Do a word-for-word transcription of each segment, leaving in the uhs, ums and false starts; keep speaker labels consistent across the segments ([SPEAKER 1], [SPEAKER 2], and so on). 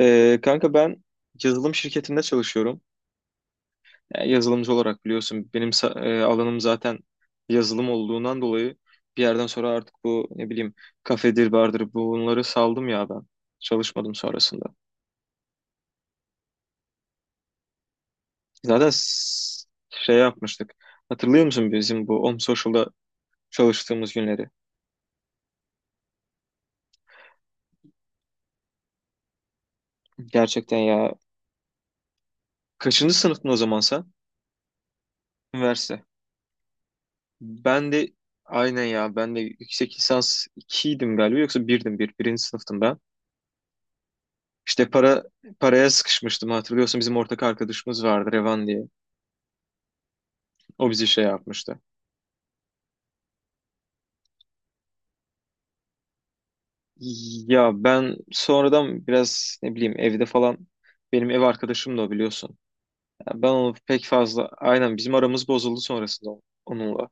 [SPEAKER 1] Ee, kanka ben yazılım şirketinde çalışıyorum. Yani yazılımcı olarak biliyorsun benim sa- e, alanım zaten yazılım olduğundan dolayı bir yerden sonra artık bu ne bileyim kafedir bardır bunları saldım ya ben. Çalışmadım sonrasında. Zaten s- şey yapmıştık. Hatırlıyor musun bizim bu Om Social'da çalıştığımız günleri? Gerçekten ya. Kaçıncı sınıftın o zaman sen? Üniversite. Ben de aynen ya ben de yüksek lisans ikiydim galiba yoksa birdim bir Birinci sınıftım ben. İşte para paraya sıkışmıştım, hatırlıyorsun bizim ortak arkadaşımız vardı Revan diye. O bizi şey yapmıştı. Ya ben sonradan biraz ne bileyim evde falan, benim ev arkadaşım da o biliyorsun. Ya ben onu pek fazla aynen bizim aramız bozuldu sonrasında onunla.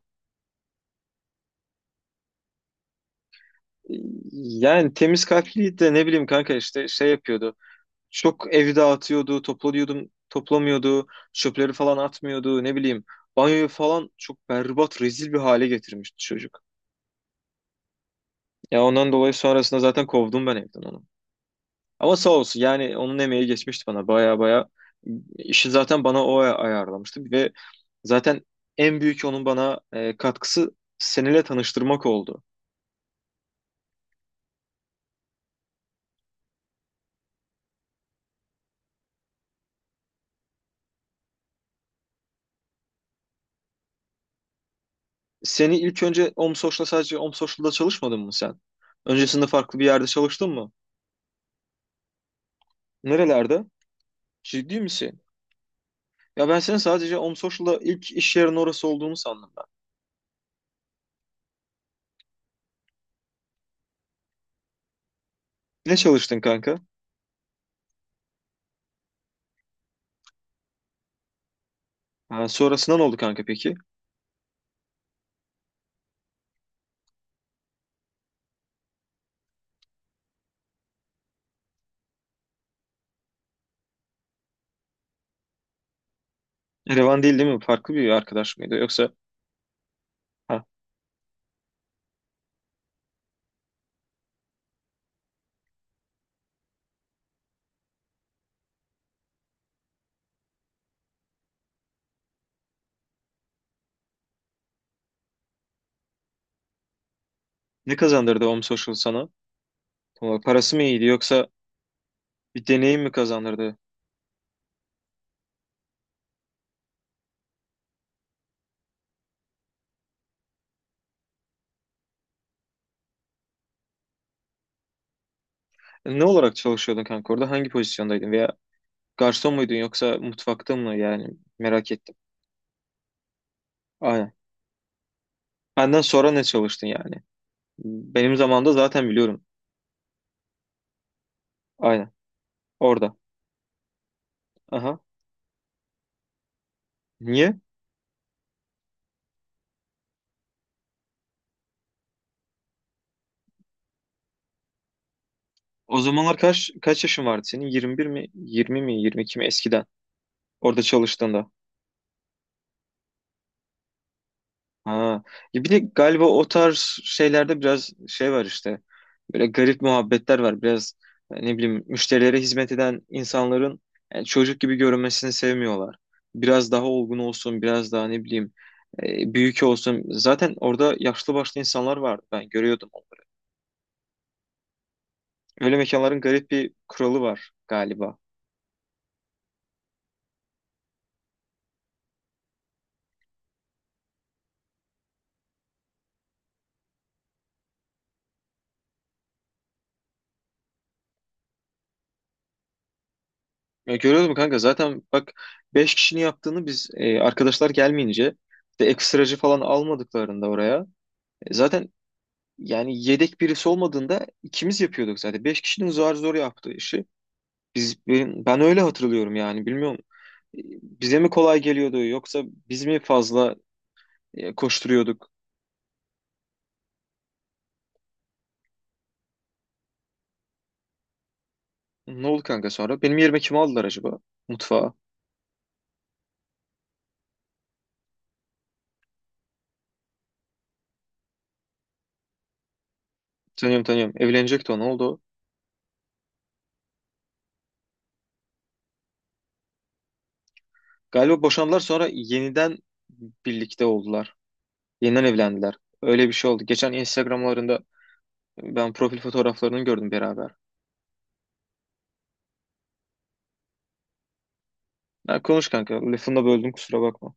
[SPEAKER 1] Yani temiz kalpliydi de ne bileyim kanka işte şey yapıyordu. Çok evi dağıtıyordu, toplanıyordum, toplamıyordu, çöpleri falan atmıyordu ne bileyim. Banyoyu falan çok berbat, rezil bir hale getirmişti çocuk. Ya ondan dolayı sonrasında zaten kovdum ben evden onu. Ama sağ olsun yani onun emeği geçmişti bana baya baya. İşi zaten bana o ay- ayarlamıştı, ve zaten en büyük onun bana e, katkısı seninle tanıştırmak oldu. Seni ilk önce OMSOŞ'la, sadece OMSOŞ'la çalışmadın mı sen? Öncesinde farklı bir yerde çalıştın mı? Nerelerde? Ciddi misin? Ya ben senin sadece OMSOŞ'la ilk iş yerin orası olduğunu sandım ben. Ne çalıştın kanka? Ha, sonrasında ne oldu kanka peki? Revan değil, değil mi? Farklı bir arkadaş mıydı? Yoksa ha. Ne kazandırdı Om Social sana? Ama parası mı iyiydi yoksa bir deneyim mi kazandırdı? E, Ne olarak çalışıyordun kanka orada? Hangi pozisyondaydın? Veya garson muydun yoksa mutfakta mı? Yani merak ettim. Aynen. Benden sonra ne çalıştın yani? Benim zamanımda zaten biliyorum. Aynen. Orada. Aha. Niye? O zamanlar kaç kaç yaşın vardı senin? yirmi bir mi? yirmi mi? yirmi iki mi? Eskiden. Orada çalıştığında. Ha. Ya bir de galiba o tarz şeylerde biraz şey var işte. Böyle garip muhabbetler var. Biraz e, ne bileyim müşterilere hizmet eden insanların e, çocuk gibi görünmesini sevmiyorlar. Biraz daha olgun olsun, biraz daha ne bileyim e, büyük olsun. Zaten orada yaşlı başlı insanlar vardı. Ben görüyordum onları. Öyle mekanların garip bir kuralı var galiba. Ya görüyordum kanka zaten bak, beş kişinin yaptığını biz e, arkadaşlar gelmeyince, bir de ekstracı falan almadıklarında oraya, e, zaten yani yedek birisi olmadığında ikimiz yapıyorduk zaten. Beş kişinin zor zor yaptığı işi. Biz, ben, ben öyle hatırlıyorum yani bilmiyorum. E, Bize mi kolay geliyordu yoksa biz mi fazla e, koşturuyorduk? Ne oldu kanka sonra? Benim yerime kimi aldılar acaba? Mutfağa. Tanıyorum, tanıyorum. Evlenecekti o. Ne oldu o? Galiba boşandılar, sonra yeniden birlikte oldular. Yeniden evlendiler. Öyle bir şey oldu. Geçen Instagram'larında ben profil fotoğraflarını gördüm beraber. Ya konuş kanka. Lafını da böldüm, kusura bakma.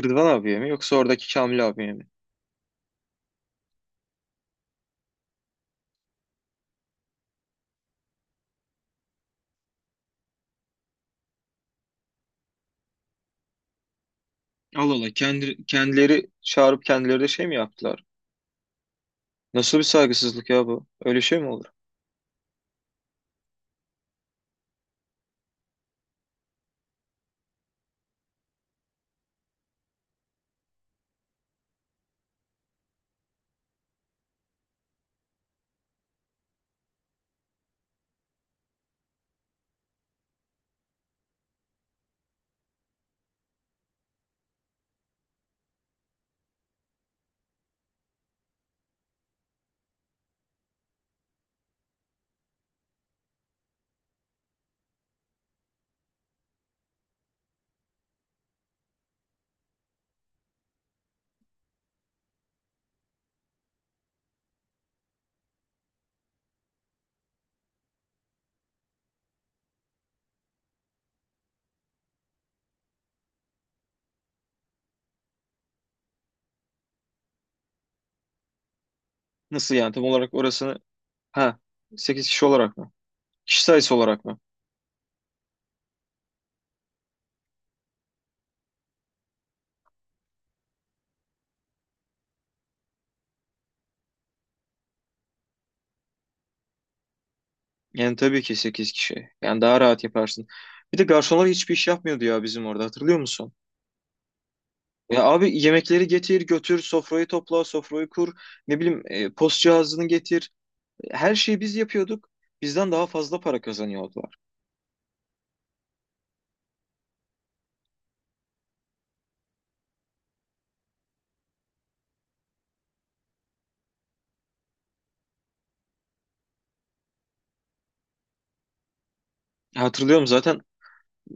[SPEAKER 1] Rıdvan abiye mi yoksa oradaki Kamil abiye mi? Allah Allah, kendi, kendileri çağırıp kendileri de şey mi yaptılar? Nasıl bir saygısızlık ya bu? Öyle şey mi olur? Nasıl yani, tam olarak orasını? Ha, sekiz kişi olarak mı? Kişi sayısı olarak mı? Yani tabii ki sekiz kişi. Yani daha rahat yaparsın. Bir de garsonlar hiçbir iş yapmıyordu ya bizim orada, hatırlıyor musun? Ya abi yemekleri getir, götür, sofrayı topla, sofrayı kur, ne bileyim e, post cihazını getir. Her şeyi biz yapıyorduk. Bizden daha fazla para kazanıyordular. Hatırlıyorum zaten.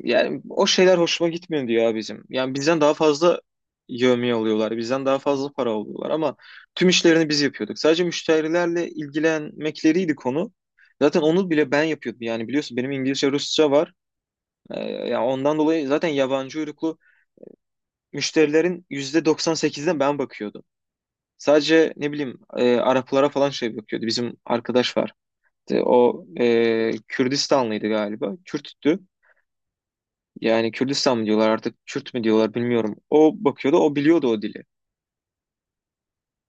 [SPEAKER 1] Yani o şeyler hoşuma gitmiyor diyor ya bizim. Yani bizden daha fazla yevmiye alıyorlar. Bizden daha fazla para alıyorlar ama tüm işlerini biz yapıyorduk. Sadece müşterilerle ilgilenmekleriydi konu. Zaten onu bile ben yapıyordum. Yani biliyorsun benim İngilizce, Rusça var. Ee, yani ondan dolayı zaten yabancı uyruklu müşterilerin yüzde doksan sekizine ben bakıyordum. Sadece ne bileyim e, Araplara falan şey bakıyordu. Bizim arkadaş var. İşte o e, Kürdistanlıydı galiba. Kürttü. Yani Kürdistan mı diyorlar artık, Kürt mü diyorlar bilmiyorum. O bakıyordu, o biliyordu o dili.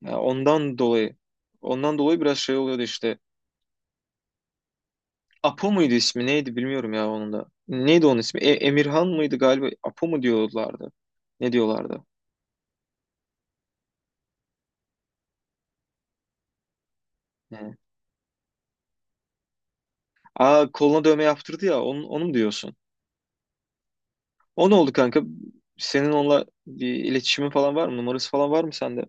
[SPEAKER 1] Ya ondan dolayı ondan dolayı biraz şey oluyordu işte. Apo muydu ismi, neydi bilmiyorum ya onun da. Neydi onun ismi? E- Emirhan mıydı galiba? Apo mu diyorlardı? Ne diyorlardı? Hı. Aa, koluna dövme yaptırdı ya, onu, onu mu diyorsun? O ne oldu kanka? Senin onunla bir iletişimin falan var mı? Numarası falan var mı sende?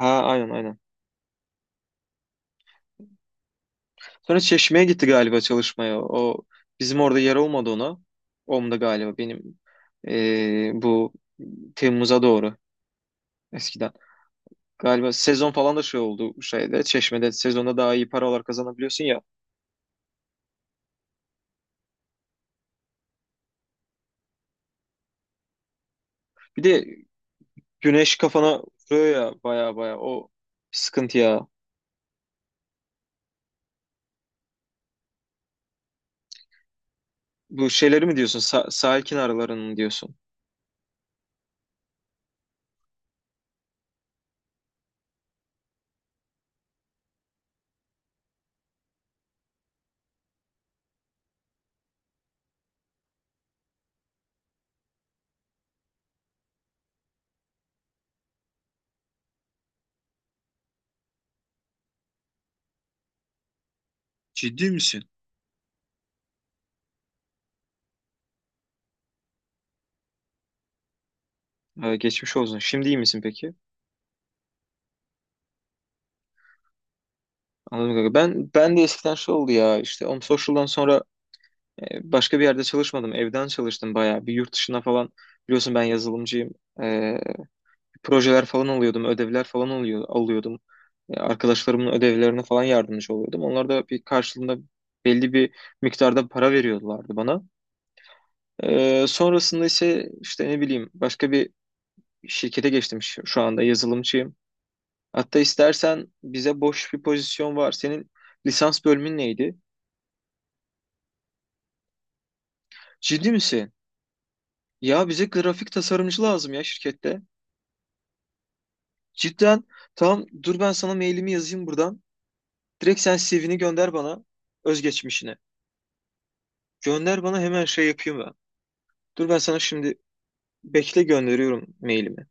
[SPEAKER 1] Ha, aynen aynen. Sonra Çeşme'ye gitti galiba çalışmaya. O bizim orada yer olmadı ona. Om'da galiba benim eee, bu Temmuz'a doğru eskiden. Galiba sezon falan da şey oldu, şeyde Çeşme'de sezonda daha iyi paralar kazanabiliyorsun ya. Bir de güneş kafana vuruyor ya baya baya, o sıkıntı ya. Bu şeyleri mi diyorsun? Sa- sahil kenarlarını mı diyorsun? Ciddi misin? Ha, geçmiş olsun. Şimdi iyi misin peki? Anladım kanka. Ben ben de eskiden şey oldu ya işte Om Social'dan sonra E, başka bir yerde çalışmadım. Evden çalıştım bayağı. Bir yurt dışına falan, biliyorsun ben yazılımcıyım. E, projeler falan alıyordum. Ödevler falan alıyor, alıyordum. E, arkadaşlarımın ödevlerine falan yardımcı oluyordum. Onlar da bir karşılığında belli bir miktarda para veriyorlardı bana. E, sonrasında ise işte ne bileyim başka bir şirkete geçtim, şu şu anda yazılımcıyım. Hatta istersen bize boş bir pozisyon var. Senin lisans bölümün neydi? Ciddi misin? Ya bize grafik tasarımcı lazım ya şirkette. Cidden. Tamam, dur ben sana mailimi yazayım buradan. Direkt sen C V'ni gönder bana, özgeçmişini. Gönder bana hemen, şey yapayım ben. Dur ben sana şimdi, bekle, gönderiyorum mailimi.